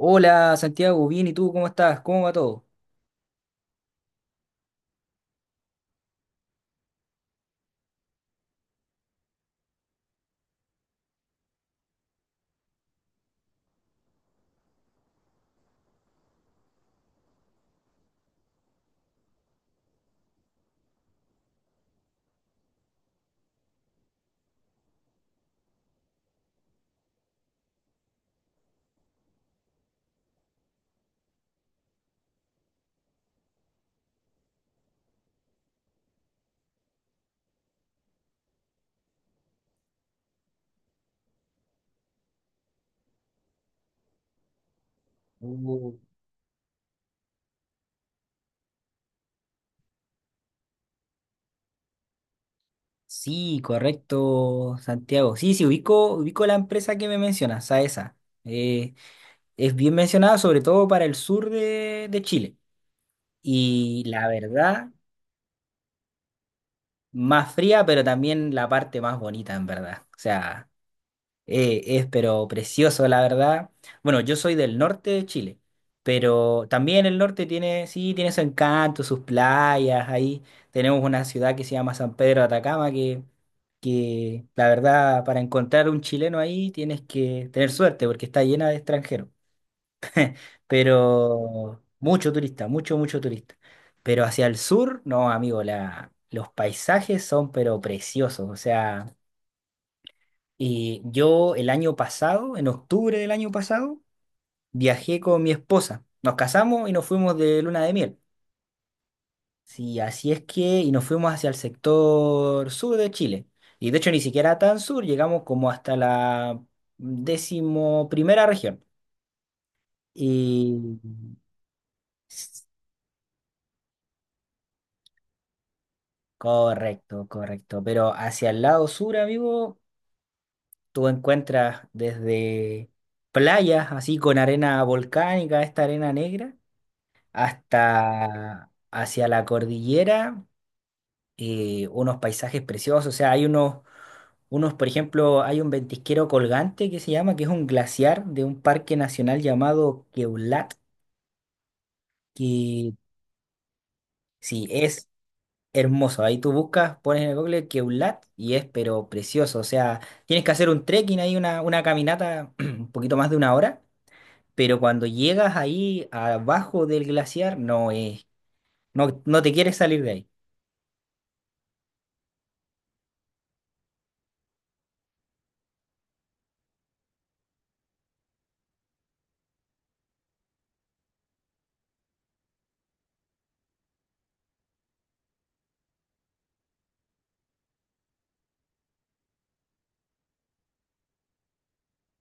Hola Santiago, bien, ¿y tú cómo estás? ¿Cómo va todo? Uh, Sí, correcto, Santiago. Sí, sí, ubico la empresa que me mencionas, a esa. Eh, es bien mencionada sobre todo para el sur de Chile. Y la verdad, más fría, pero también la parte más bonita, en verdad. O sea, es pero precioso, la verdad. Bueno, yo soy del norte de Chile, pero también el norte tiene, sí, tiene su encanto, sus playas. Ahí tenemos una ciudad que se llama San Pedro de Atacama, que la verdad, para encontrar un chileno ahí tienes que tener suerte porque está llena de extranjeros. Pero mucho turista, mucho, mucho turista. Pero hacia el sur, no, amigo, los paisajes son pero preciosos. O sea, y yo el año pasado, en octubre del año pasado, viajé con mi esposa. Nos casamos y nos fuimos de luna de miel. Sí, así es que, y nos fuimos hacia el sector sur de Chile. Y de hecho ni siquiera tan sur, llegamos como hasta la 11.ª región. Y s- Correcto, correcto. Pero hacia el lado sur, amigo, tú encuentras desde playas así con arena volcánica, esta arena negra hasta hacia la cordillera, unos paisajes preciosos. O sea, hay por ejemplo, hay un ventisquero colgante que se llama, que es un glaciar de un parque nacional llamado Queulat, que sí, es hermoso. Ahí tú buscas, pones en el Google Queulat y es, pero precioso. O sea, tienes que hacer un trekking ahí, una caminata un poquito más de una hora. Pero cuando llegas ahí abajo del glaciar, no, no te quieres salir de ahí.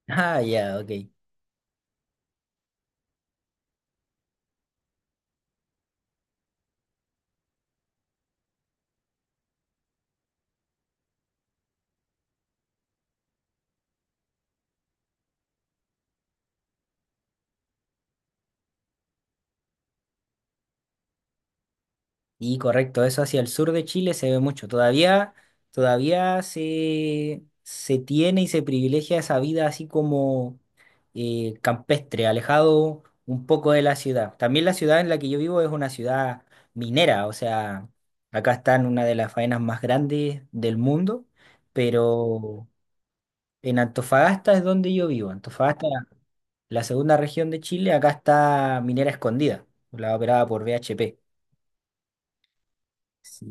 Ah, ya, ok. Y correcto, eso hacia el sur de Chile se ve mucho. Todavía se tiene y se privilegia esa vida así como campestre, alejado un poco de la ciudad. También la ciudad en la que yo vivo es una ciudad minera, o sea, acá está en una de las faenas más grandes del mundo, pero en Antofagasta es donde yo vivo. Antofagasta, la 2.ª región de Chile, acá está Minera Escondida, la operada por BHP. Sí.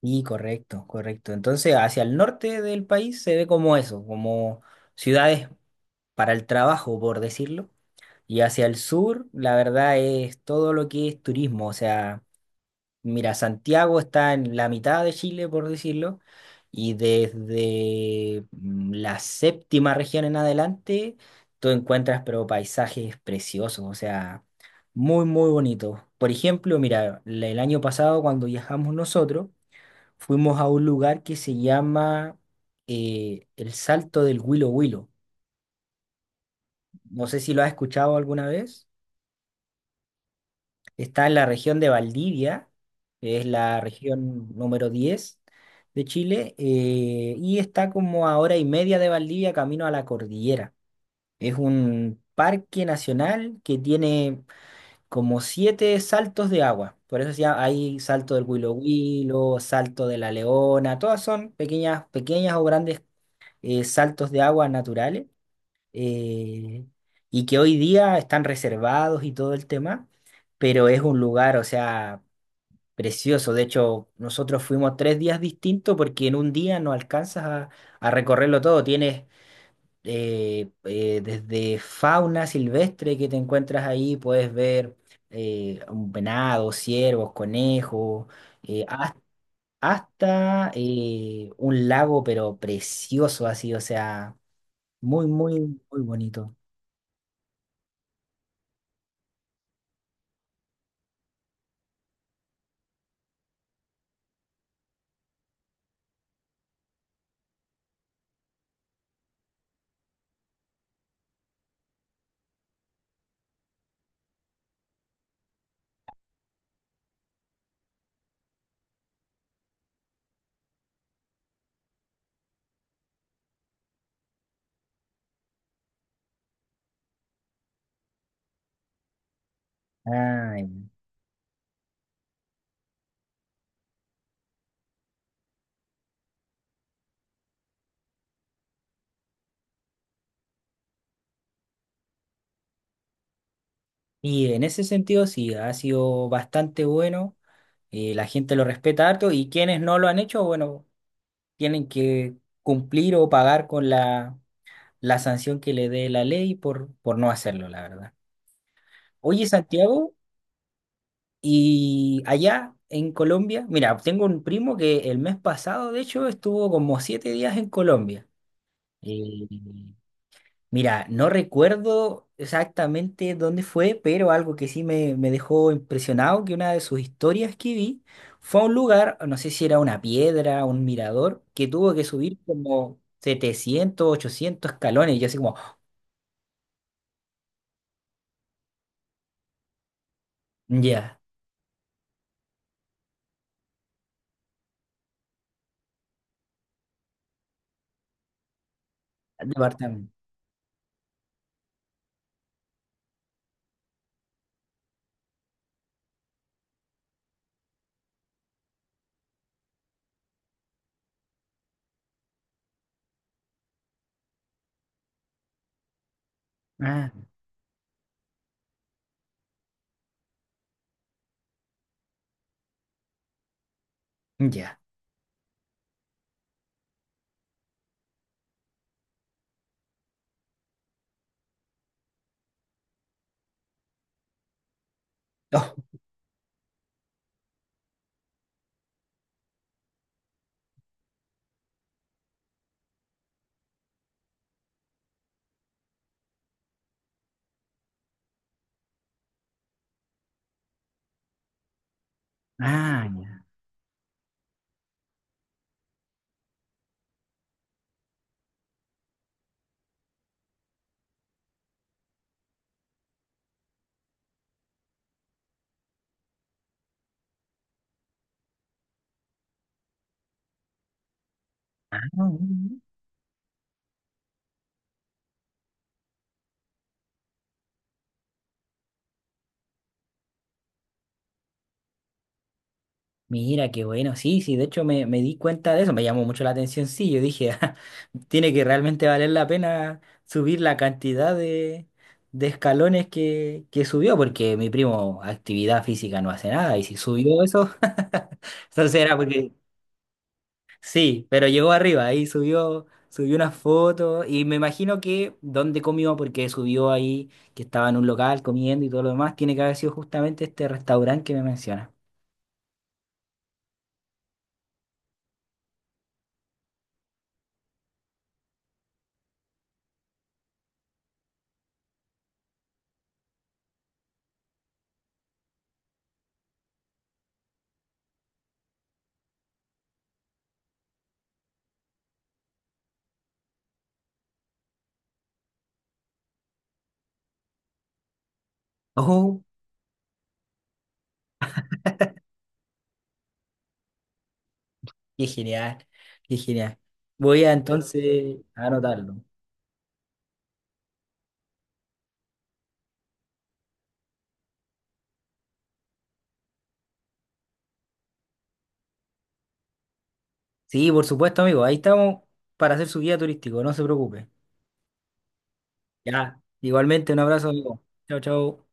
Y correcto, correcto. Entonces, hacia el norte del país se ve como eso, como ciudades para el trabajo, por decirlo. Y hacia el sur, la verdad es todo lo que es turismo. O sea, mira, Santiago está en la mitad de Chile, por decirlo. Y desde la 7.ª región en adelante, tú encuentras, pero paisajes preciosos. O sea, muy, muy bonitos. Por ejemplo, mira, el año pasado cuando viajamos nosotros, fuimos a un lugar que se llama el Salto del Huilo Huilo. No sé si lo has escuchado alguna vez. Está en la región de Valdivia, que es la región número 10 de Chile, y está como a hora y media de Valdivia camino a la cordillera. Es un parque nacional que tiene como 7 saltos de agua. Por eso se llama, hay salto del Huilo Huilo, salto de la Leona, todas son pequeñas, pequeñas o grandes saltos de agua naturales, eh, y que hoy día están reservados y todo el tema, pero es un lugar, o sea, precioso. De hecho, nosotros fuimos 3 días distintos porque en un día no alcanzas a recorrerlo todo. Tienes desde fauna silvestre que te encuentras ahí, puedes ver un venado, ciervos, conejos, eh, has- hasta un lago pero precioso así, o sea, muy, muy, muy bonito. Ay, y en ese sentido sí, ha sido bastante bueno. La gente lo respeta harto y quienes no lo han hecho, bueno, tienen que cumplir o pagar con la sanción que le dé la ley por no hacerlo, la verdad. Oye, Santiago, y allá en Colombia, mira, tengo un primo que el mes pasado, de hecho, estuvo como 7 días en Colombia. Eh, Mira, no recuerdo exactamente dónde fue, pero algo que sí me dejó impresionado, que una de sus historias que vi fue a un lugar, no sé si era una piedra, un mirador, que tuvo que subir como 700, 800 escalones, y yo así como, ya, departamento, ah, ya, oh, ah, ya, ah, mira, qué bueno, sí, sí, de hecho me di cuenta de eso, me llamó mucho la atención, sí, yo dije, "Ah, tiene que realmente valer la pena subir la cantidad de escalones que subió, porque mi primo actividad física no hace nada, y si subió eso", entonces era porque, sí, pero llegó arriba, ahí subió, subió una foto, y me imagino que donde comió, porque subió ahí, que estaba en un local comiendo y todo lo demás, tiene que haber sido justamente este restaurante que me menciona. ¡Oh! Qué genial, qué genial. Voy a entonces a anotarlo. Sí, por supuesto, amigo. Ahí estamos para hacer su guía turístico, no se preocupe. Ya, igualmente un abrazo, amigo. Chao, chao.